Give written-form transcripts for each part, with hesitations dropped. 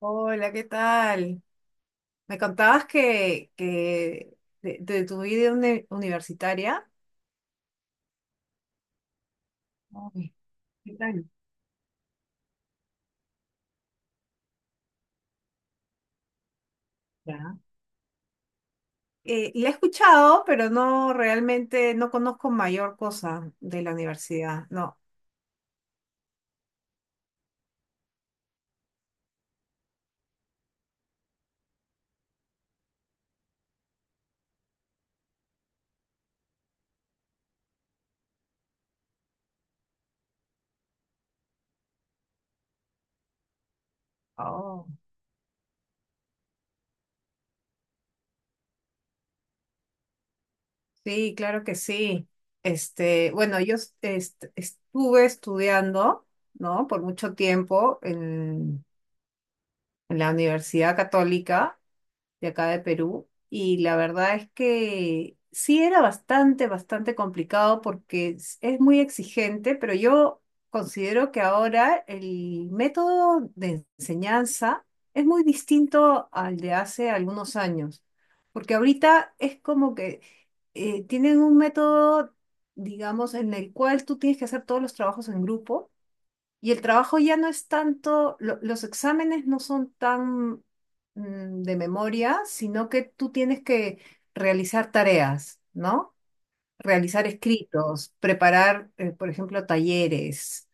Hola, ¿qué tal? Me contabas que de tu vida universitaria. Ay, ¿qué tal? Ya. La he escuchado, pero no realmente no conozco mayor cosa de la universidad. No. Oh. Sí, claro que sí. Este, bueno, yo estuve estudiando, ¿no? Por mucho tiempo en la Universidad Católica de acá de Perú. Y la verdad es que sí era bastante complicado porque es muy exigente, pero yo considero que ahora el método de enseñanza es muy distinto al de hace algunos años, porque ahorita es como que tienen un método, digamos, en el cual tú tienes que hacer todos los trabajos en grupo y el trabajo ya no es tanto, los exámenes no son tan de memoria, sino que tú tienes que realizar tareas, ¿no? Realizar escritos, preparar, por ejemplo, talleres,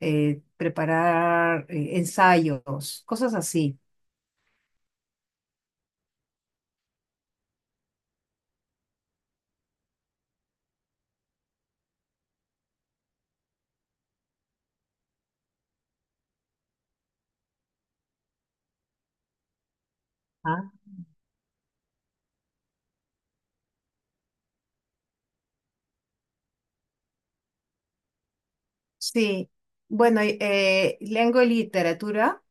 preparar ensayos, cosas así. Ah, sí, bueno, lengua y literatura.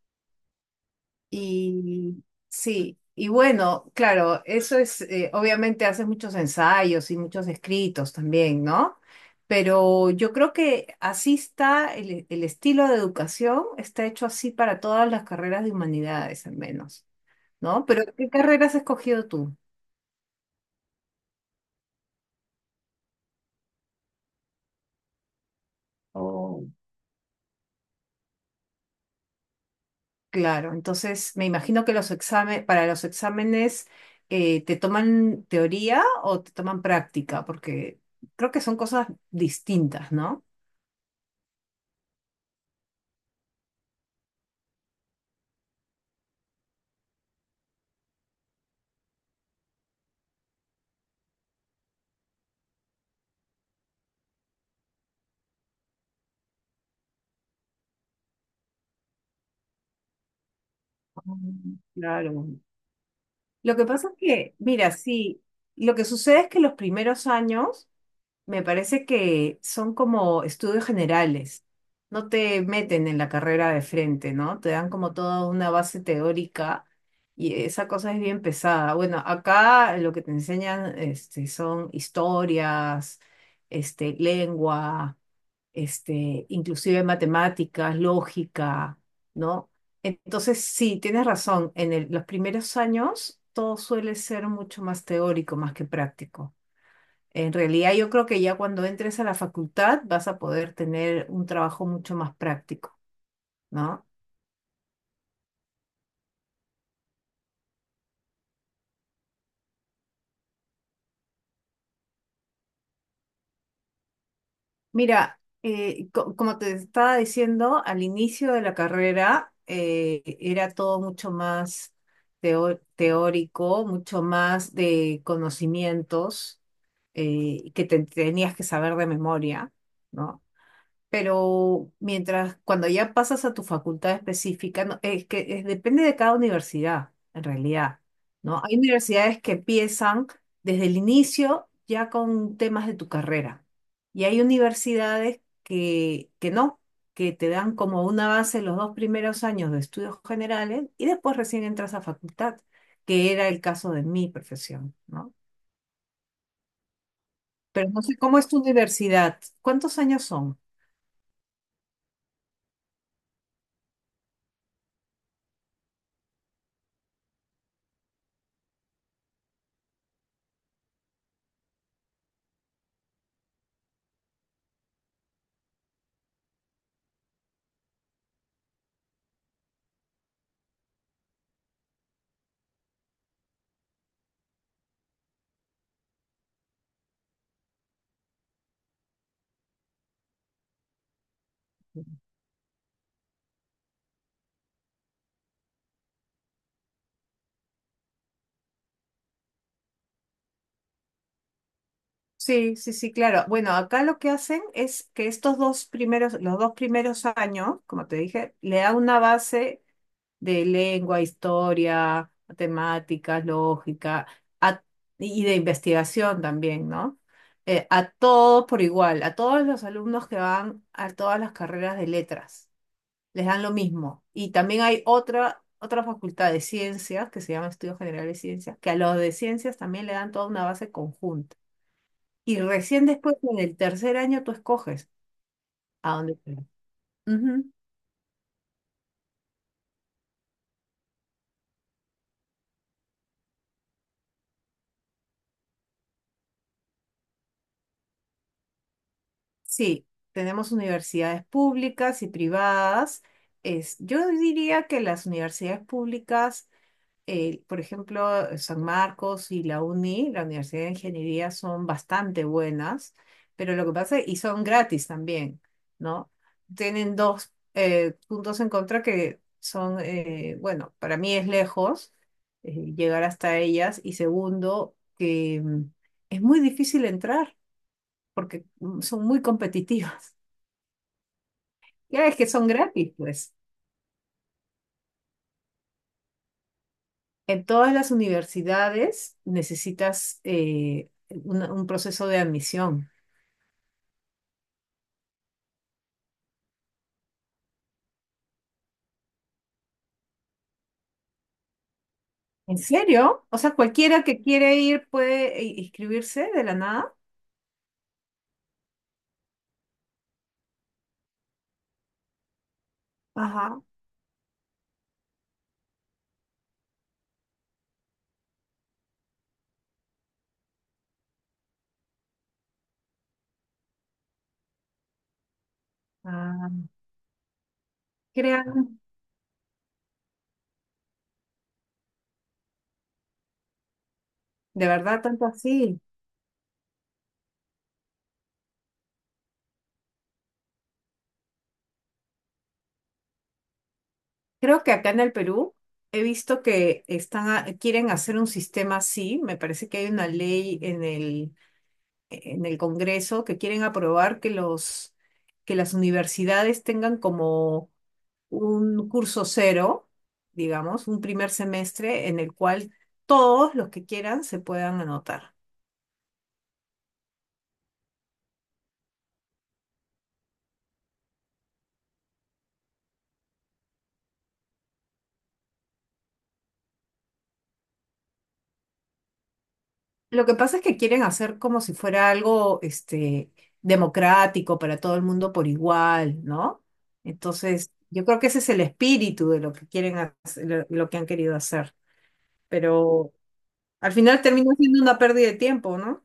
Y sí, y bueno, claro, eso es, obviamente haces muchos ensayos y muchos escritos también, ¿no? Pero yo creo que así está el estilo de educación, está hecho así para todas las carreras de humanidades, al menos, ¿no? Pero ¿qué carreras has escogido tú? Oh. Claro, entonces me imagino que para los exámenes, ¿te toman teoría o te toman práctica? Porque creo que son cosas distintas, ¿no? Mm, claro. Lo que pasa es que, mira, sí, lo que sucede es que los primeros años me parece que son como estudios generales. No te meten en la carrera de frente, ¿no? Te dan como toda una base teórica y esa cosa es bien pesada. Bueno, acá lo que te enseñan este, son historias, este, lengua este, inclusive matemáticas, lógica, ¿no? Entonces, sí, tienes razón, en los primeros años todo suele ser mucho más teórico, más que práctico. En realidad, yo creo que ya cuando entres a la facultad vas a poder tener un trabajo mucho más práctico, ¿no? Mira, como te estaba diciendo, al inicio de la carrera era todo mucho más teórico, mucho más de conocimientos que te tenías que saber de memoria, ¿no? Pero mientras, cuando ya pasas a tu facultad específica, no, es que depende de cada universidad, en realidad, ¿no? Hay universidades que empiezan desde el inicio ya con temas de tu carrera y hay universidades que no, que te dan como una base los dos primeros años de estudios generales y después recién entras a facultad, que era el caso de mi profesión, ¿no? Pero no sé cómo es tu universidad. ¿Cuántos años son? Sí, sí, sí, claro. Bueno, acá lo que hacen es que los dos primeros años, como te dije, le da una base de lengua, historia, matemáticas, lógica, a- y de investigación también, ¿no? A todos por igual, a todos los alumnos que van a todas las carreras de letras les dan lo mismo. Y también hay otra facultad de ciencias que se llama Estudios Generales de Ciencias, que a los de ciencias también le dan toda una base conjunta. Y recién después, en el tercer año, tú escoges a dónde te vas. Ujú. Sí, tenemos universidades públicas y privadas. Es, yo diría que las universidades públicas por ejemplo, San Marcos y la UNI, la Universidad de Ingeniería, son bastante buenas, pero lo que pasa, y son gratis también, ¿no? Tienen dos puntos en contra que son, bueno, para mí es lejos llegar hasta ellas, y segundo, que es muy difícil entrar porque son muy competitivas. Ya ves que son gratis, pues. En todas las universidades necesitas un proceso de admisión. ¿En serio? O sea, cualquiera que quiere ir puede inscribirse de la nada. Ajá. Ah, crean, de verdad, tanto así. Creo que acá en el Perú he visto que están, quieren hacer un sistema así. Me parece que hay una ley en en el Congreso que quieren aprobar que que las universidades tengan como un curso cero, digamos, un primer semestre en el cual todos los que quieran se puedan anotar. Lo que pasa es que quieren hacer como si fuera algo, este, democrático para todo el mundo por igual, ¿no? Entonces, yo creo que ese es el espíritu de lo que quieren hacer, lo que han querido hacer. Pero al final termina siendo una pérdida de tiempo, ¿no?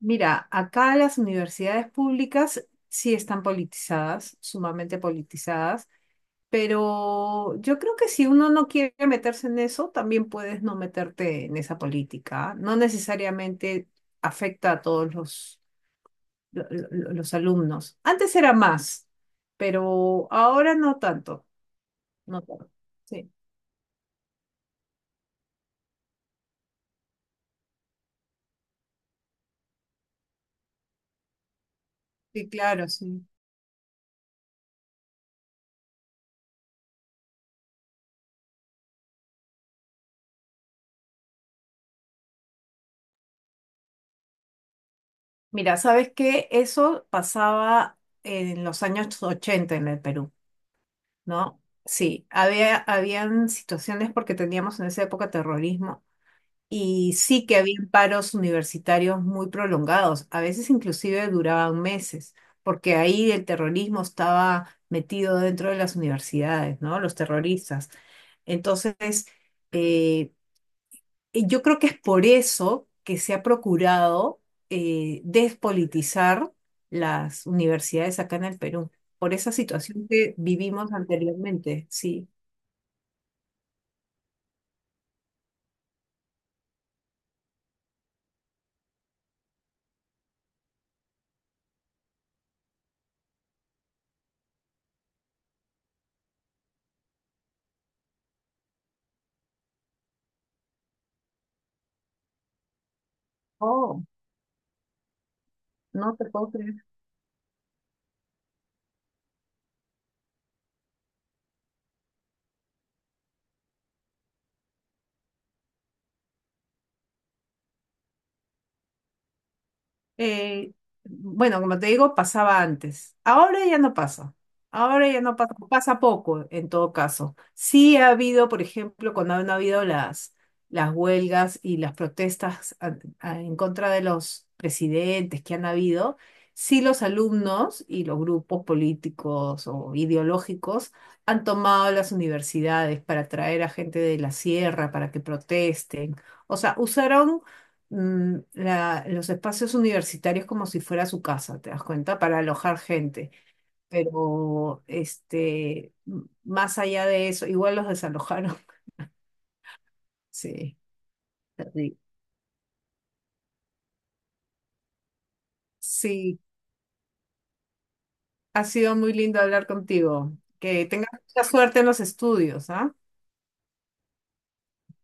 Mira, acá las universidades públicas sí están politizadas, sumamente politizadas. Pero yo creo que si uno no quiere meterse en eso, también puedes no meterte en esa política. ¿Ah? No necesariamente afecta a todos los alumnos. Antes era más, pero ahora no tanto. No tanto. Sí, sí, claro, sí. Mira, ¿sabes qué? Eso pasaba en los años 80 en el Perú, ¿no? Sí, habían situaciones porque teníamos en esa época terrorismo. Y sí que había paros universitarios muy prolongados, a veces inclusive duraban meses, porque ahí el terrorismo estaba metido dentro de las universidades, ¿no? Los terroristas. Entonces, eh, y yo creo que es por eso que se ha procurado despolitizar las universidades acá en el Perú, por esa situación que vivimos anteriormente, sí. Oh, no te puedo. Eh, bueno, como te digo, pasaba antes. Ahora ya no pasa. Ahora ya no pasa. Pasa poco, en todo caso. Sí ha habido, por ejemplo, cuando han habido las huelgas y las protestas en contra de los presidentes que han habido, sí los alumnos y los grupos políticos o ideológicos han tomado las universidades para traer a gente de la sierra para que protesten. O sea, usaron los espacios universitarios como si fuera su casa, ¿te das cuenta? Para alojar gente. Pero este, más allá de eso, igual los desalojaron. Sí, terrible. Sí, ha sido muy lindo hablar contigo. Que tengas mucha suerte en los estudios, ¿ah?